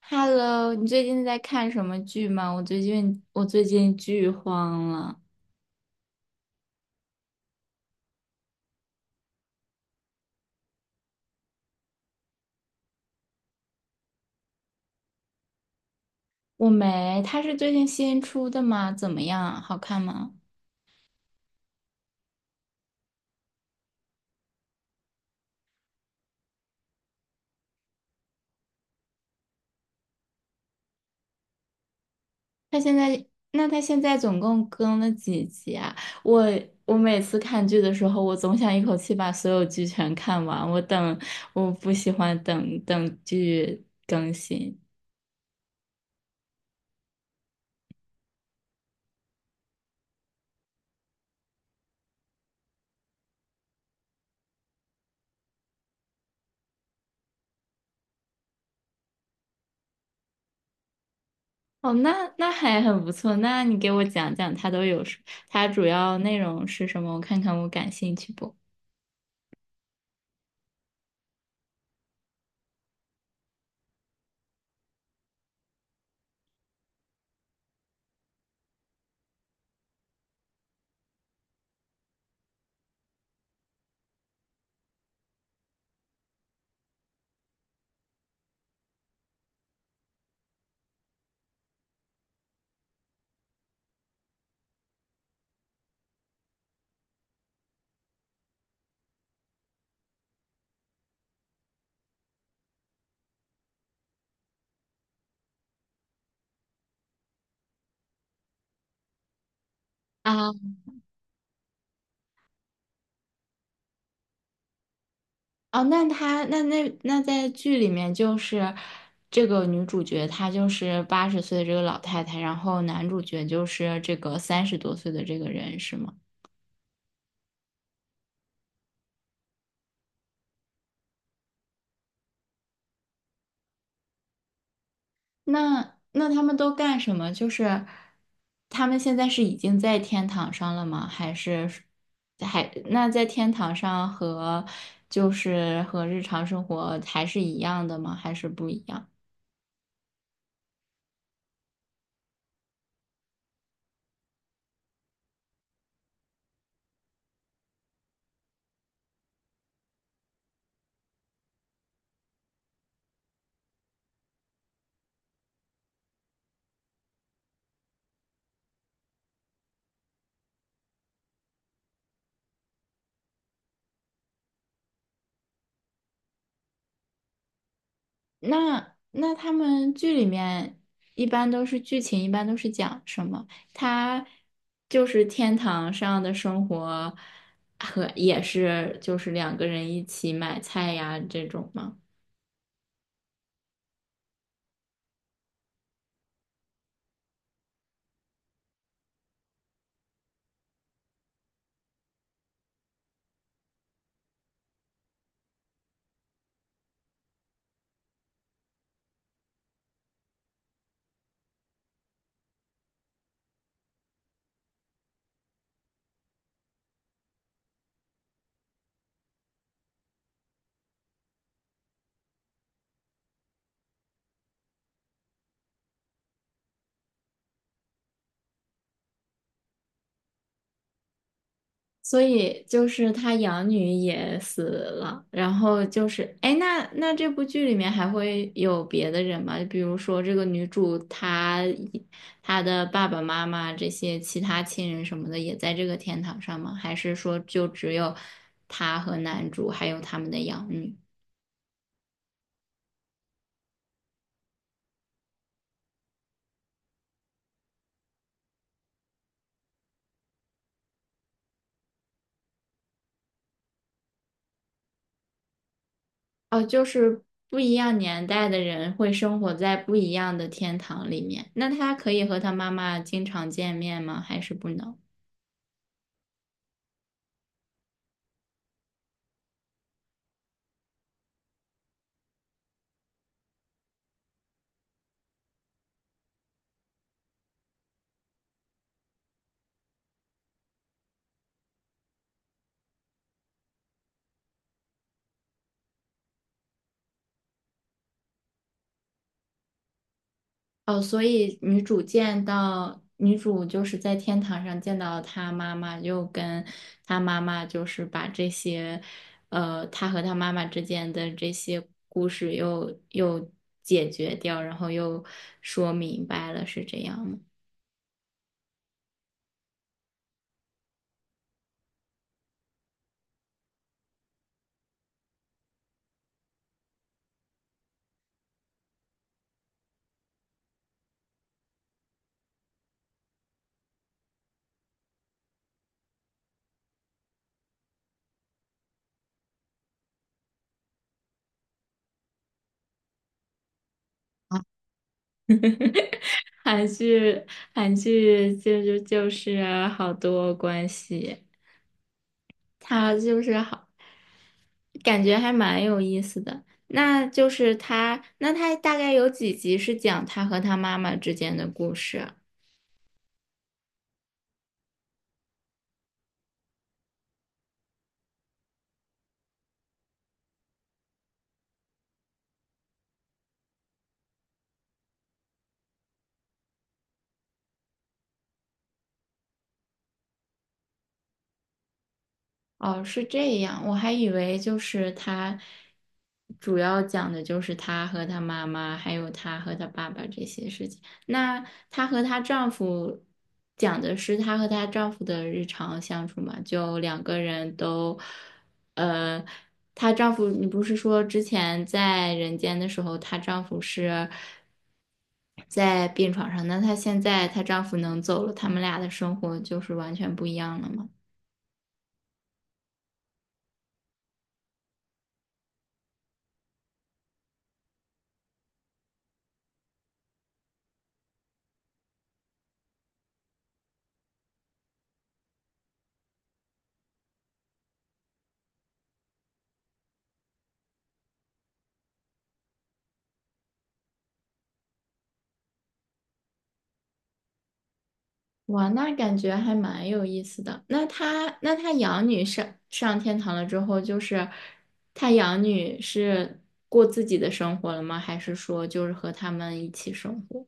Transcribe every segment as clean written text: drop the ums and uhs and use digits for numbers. Hello，你最近在看什么剧吗？我最近剧荒了。我没，它是最近新出的吗？怎么样啊好看吗？它现在，那它现在总共更了几集啊？我我每次看剧的时候，我总想一口气把所有剧全看完。我等，我不喜欢等剧更新。哦，那那还很不错。那你给我讲讲它都有什，它主要内容是什么？我看看我感兴趣不？啊？哦，那她那那那在剧里面就是这个女主角，她就是八十岁的这个老太太，然后男主角就是这个三十多岁的这个人，是吗？那那他们都干什么？就是他们现在是已经在天堂上了吗？还是还那在天堂上和就是和日常生活还是一样的吗？还是不一样？那那他们剧里面一般都是剧情，一般都是讲什么？他就是天堂上的生活和也是就是两个人一起买菜呀这种吗？所以就是他养女也死了，然后就是，哎，那那这部剧里面还会有别的人吗？比如说这个女主她的爸爸妈妈这些其他亲人什么的也在这个天堂上吗？还是说就只有她和男主还有他们的养女？哦，就是不一样年代的人会生活在不一样的天堂里面。那她可以和她妈妈经常见面吗？还是不能？哦，所以女主见到女主就是在天堂上见到她妈妈，又跟她妈妈就是把这些，她和她妈妈之间的这些故事又解决掉，然后又说明白了，是这样吗？韩剧，韩剧就是好多关系，它就是好。感觉还蛮有意思的。那就是他，那他大概有几集是讲他和他妈妈之间的故事啊？哦，是这样，我还以为就是他主要讲的就是他和他妈妈，还有他和他爸爸这些事情。那她和她丈夫讲的是她和她丈夫的日常相处嘛？就两个人都，呃，她丈夫，你不是说之前在人间的时候，她丈夫是在病床上，那她现在她丈夫能走了，他们俩的生活就是完全不一样了吗？哇，那感觉还蛮有意思的。那他那他养女上天堂了之后，就是他养女是过自己的生活了吗？还是说就是和他们一起生活？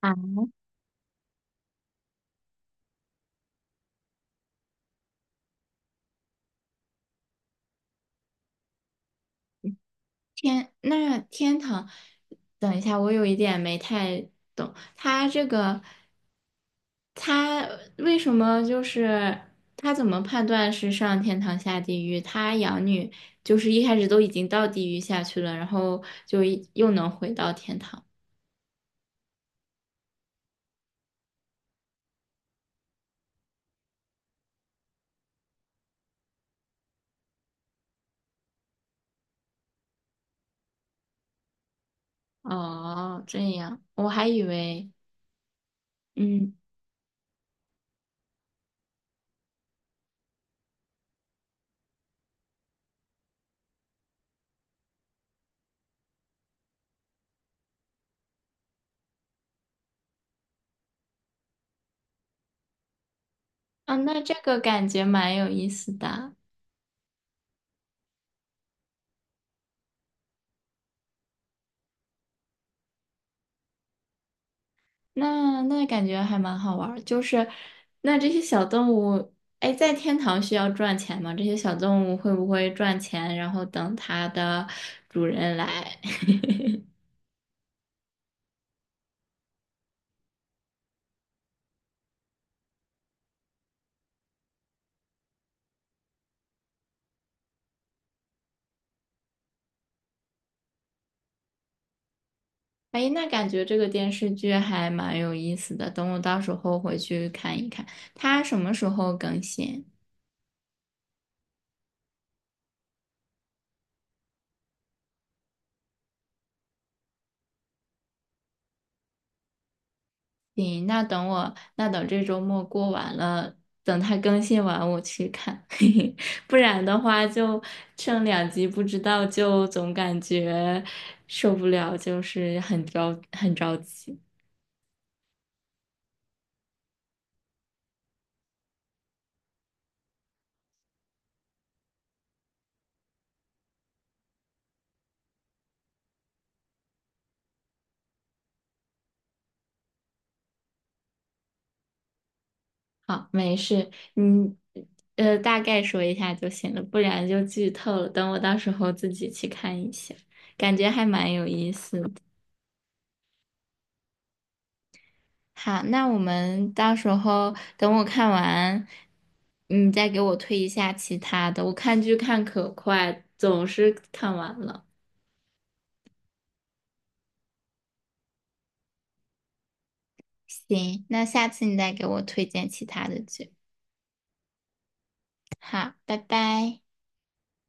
啊，天，那天堂，等一下，我有一点没太懂，他这个他为什么就是他怎么判断是上天堂下地狱？他养女就是一开始都已经到地狱下去了，然后就一又能回到天堂。哦，这样，我还以为，嗯，啊，那这个感觉蛮有意思的，那那感觉还蛮好玩儿，就是那这些小动物，哎，在天堂需要赚钱吗？这些小动物会不会赚钱，然后等它的主人来？哎，那感觉这个电视剧还蛮有意思的，等我到时候回去看一看，它什么时候更新？行，那等我，那等这周末过完了，等它更新完我去看，嘿嘿，不然的话就剩两集，不知道就总感觉受不了，就是很着急。好，没事，你大概说一下就行了，不然就剧透了。等我到时候自己去看一下，感觉还蛮有意思的。好，那我们到时候等我看完，你再给我推一下其他的。我看剧看可快，总是看完了。行，那下次你再给我推荐其他的剧。好，拜拜。